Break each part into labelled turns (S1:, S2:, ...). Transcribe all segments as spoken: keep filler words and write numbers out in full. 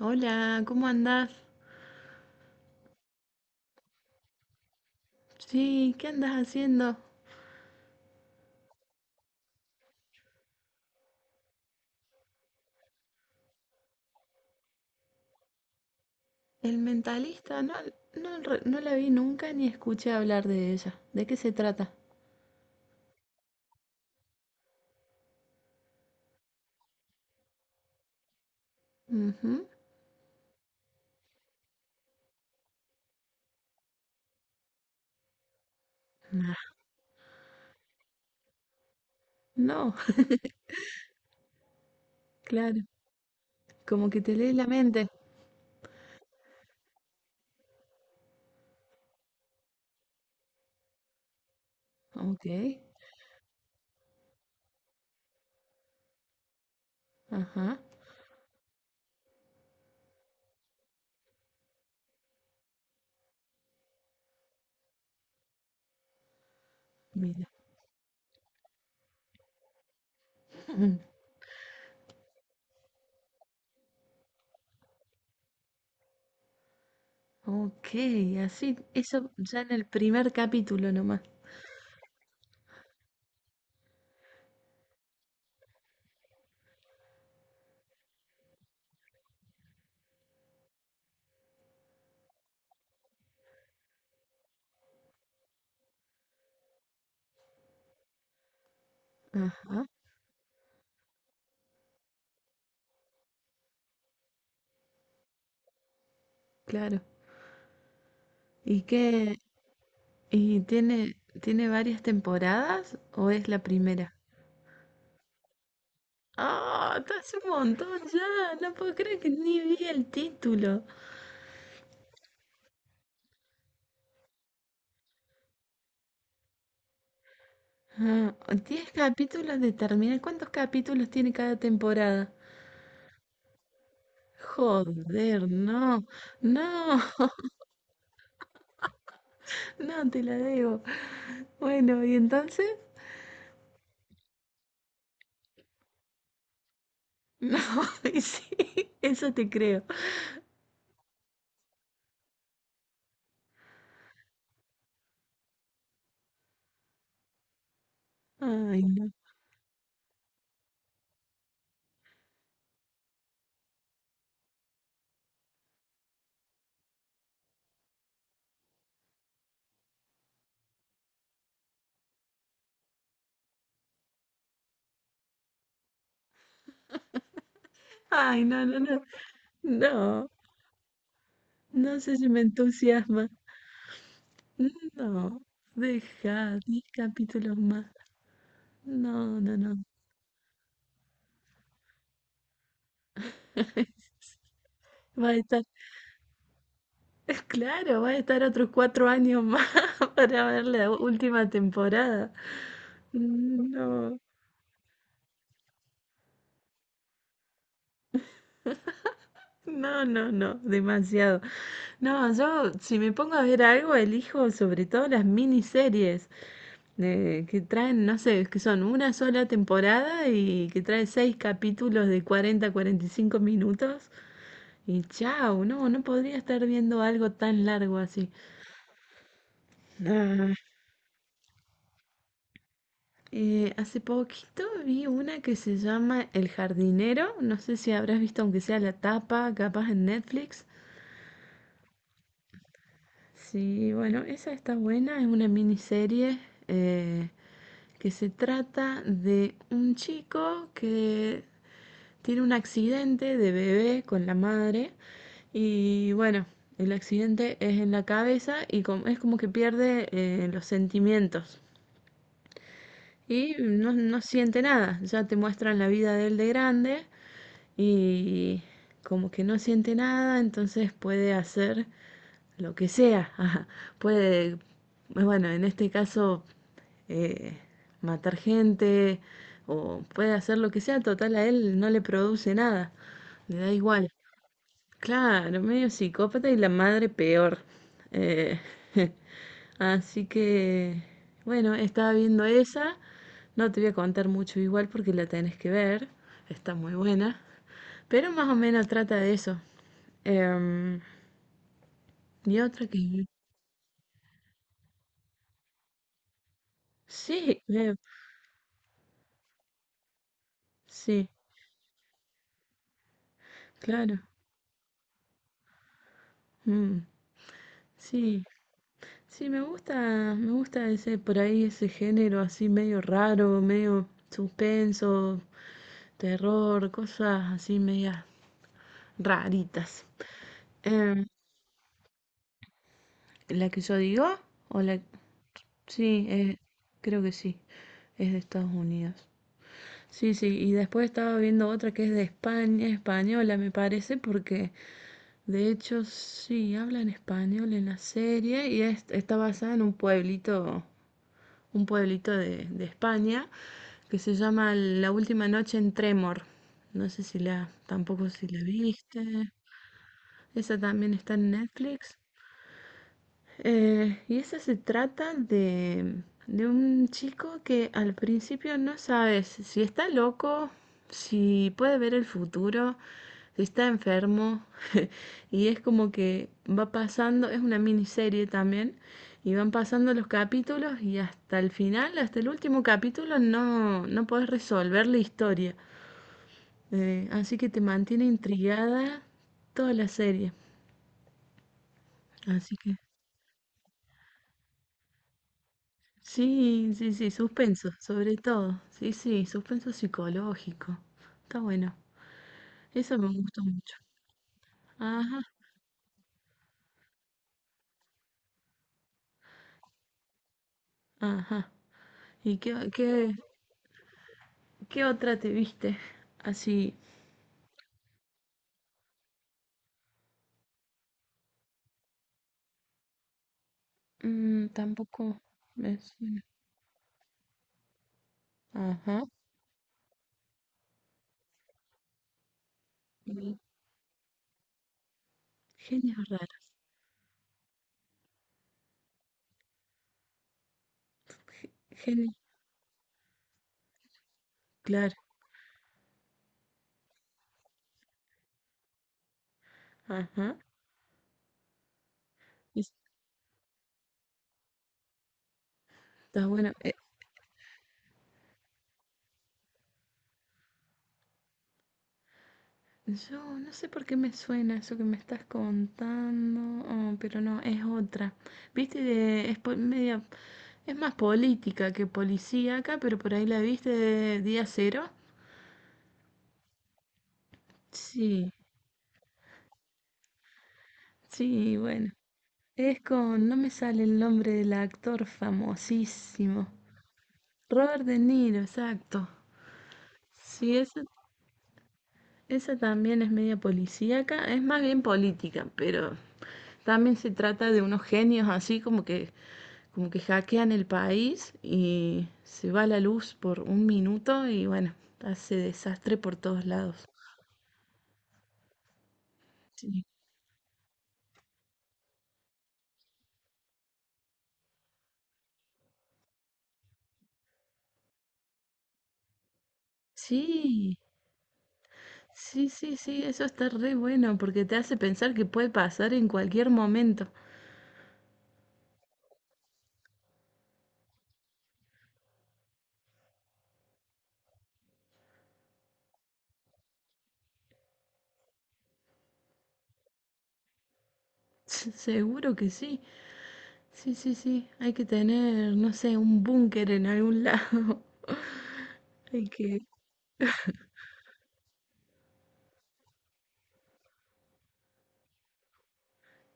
S1: Hola, ¿cómo andás? Sí, ¿qué andás haciendo? El mentalista, no, no, re- no la vi nunca ni escuché hablar de ella. ¿De qué se trata? Ujú. Ah, no, claro, como que te lee la mente. Ok, ajá, mira. Mm, ok, así, eso ya en el primer capítulo nomás. Ajá, claro. ¿Y qué? ¿Y tiene, tiene varias temporadas o es la primera? Ah, te hace un montón ya. No puedo creer que ni vi el título. Ah, diez capítulos de terminar. ¿Cuántos capítulos tiene cada temporada? Joder, no. No, no te la debo. Bueno, ¿y entonces? No, y sí, eso te creo. Ay, no. Ay, no, no, no. No, no sé si me entusiasma. No, deja diez capítulos más. No, no, no. Va a estar. Claro, va a estar otros cuatro años más para ver la última temporada. No, no, no, no, demasiado. No, yo si me pongo a ver algo, elijo sobre todo las miniseries eh, que traen, no sé, que son una sola temporada y que trae seis capítulos de cuarenta a cuarenta y cinco minutos. Y chao, no, no podría estar viendo algo tan largo así. Eh, hace poquito vi una que se llama El jardinero, no sé si habrás visto aunque sea la tapa, capaz en Netflix. Sí, bueno, esa está buena, es una miniserie eh, que se trata de un chico que tiene un accidente de bebé con la madre y bueno, el accidente es en la cabeza y com- es como que pierde eh, los sentimientos. Y no, no siente nada, ya te muestran la vida de él de grande y como que no siente nada, entonces puede hacer lo que sea. Ajá, puede, bueno, en este caso, eh, matar gente o puede hacer lo que sea, total a él no le produce nada, le da igual. Claro, medio psicópata y la madre peor. Eh, Así que, bueno, estaba viendo esa. No te voy a contar mucho igual porque la tenés que ver. Está muy buena. Pero más o menos trata de eso. Em, y otra que... Sí, veo. Sí, claro. Mm, sí, sí, me gusta, me gusta ese, por ahí ese género así medio raro, medio suspenso, terror, cosas así medias raritas. Em, ¿la que yo digo? ¿O la... Sí, eh, creo que sí. Es de Estados Unidos. Sí, sí, y después estaba viendo otra que es de España, española me parece, porque de hecho, sí, habla en español en la serie y es- está basada en un pueblito, un pueblito de, de España que se llama La Última Noche en Tremor. No sé si la, tampoco si la viste. Esa también está en Netflix. Eh, y eso se trata de, de un chico que al principio no sabes si si está loco, si puede ver el futuro, si está enfermo. Y es como que va pasando, es una miniserie también, y van pasando los capítulos y hasta el final, hasta el último capítulo, no, no podés resolver la historia. Eh, así que te mantiene intrigada toda la serie. Así que... Sí, sí, sí, suspenso, sobre todo. Sí, sí, suspenso psicológico. Está bueno. Eso me gustó mucho. Ajá, ajá. ¿Y qué, qué, qué otra te viste? Así, mm, tampoco me suena. Ajá. Genios raro, ge- claro. Ajá. Es- Está bueno. Yo no sé por qué me suena eso que me estás contando, oh, pero no, es otra. Viste, de- es po- media, es más política que policíaca, pero por ahí la viste de Día Cero. Sí, sí, bueno. Es con, no me sale el nombre del actor famosísimo. Robert De Niro, exacto. Sí, esa, esa también es media policíaca, es más bien política, pero también se trata de unos genios así como que como que hackean el país y se va la luz por un minuto y bueno, hace desastre por todos lados. Sí, sí, sí, sí, sí, eso está re bueno porque te hace pensar que puede pasar en cualquier momento. Seguro que sí. Sí, sí, sí. Hay que tener, no sé, un búnker en algún lado. Hay que,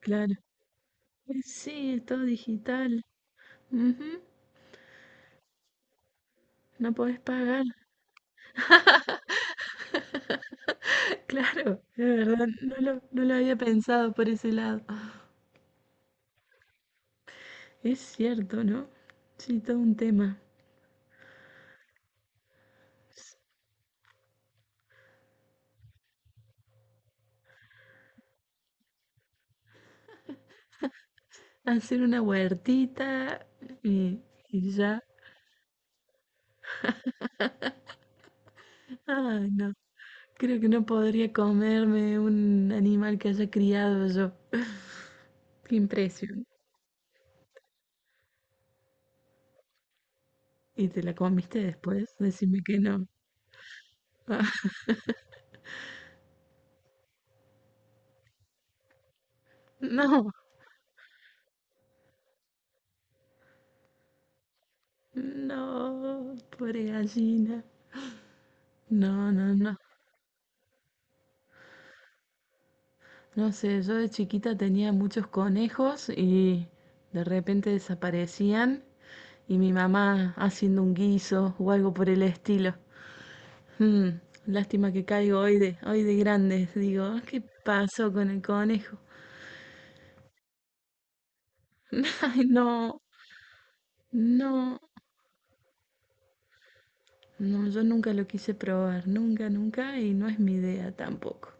S1: claro. Sí, es todo digital. Ujú. No podés pagar. Claro, es verdad, no lo, no lo había pensado por ese lado. Es cierto, ¿no? Sí, todo un tema. Hacer una huertita y, y ya. Ay, no. Creo que no podría comerme un animal que haya criado yo. Qué impresión. ¿Y te la comiste después? Decime que no. Ah, no, no, pobre gallina. No, no, no. No sé, yo de chiquita tenía muchos conejos y de repente desaparecían y mi mamá haciendo un guiso o algo por el estilo. Hmm, Lástima que caigo hoy de, hoy de grandes. Digo, "Ah, ¿qué pasó con el conejo? Ay, no, no, no, yo nunca lo quise probar, nunca, nunca y no es mi idea tampoco.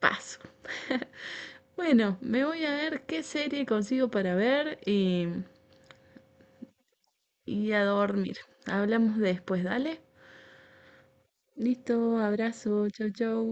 S1: Paso. Bueno, me voy a ver qué serie consigo para ver y, y a dormir. Hablamos después, dale. Listo, abrazo, chau, chau.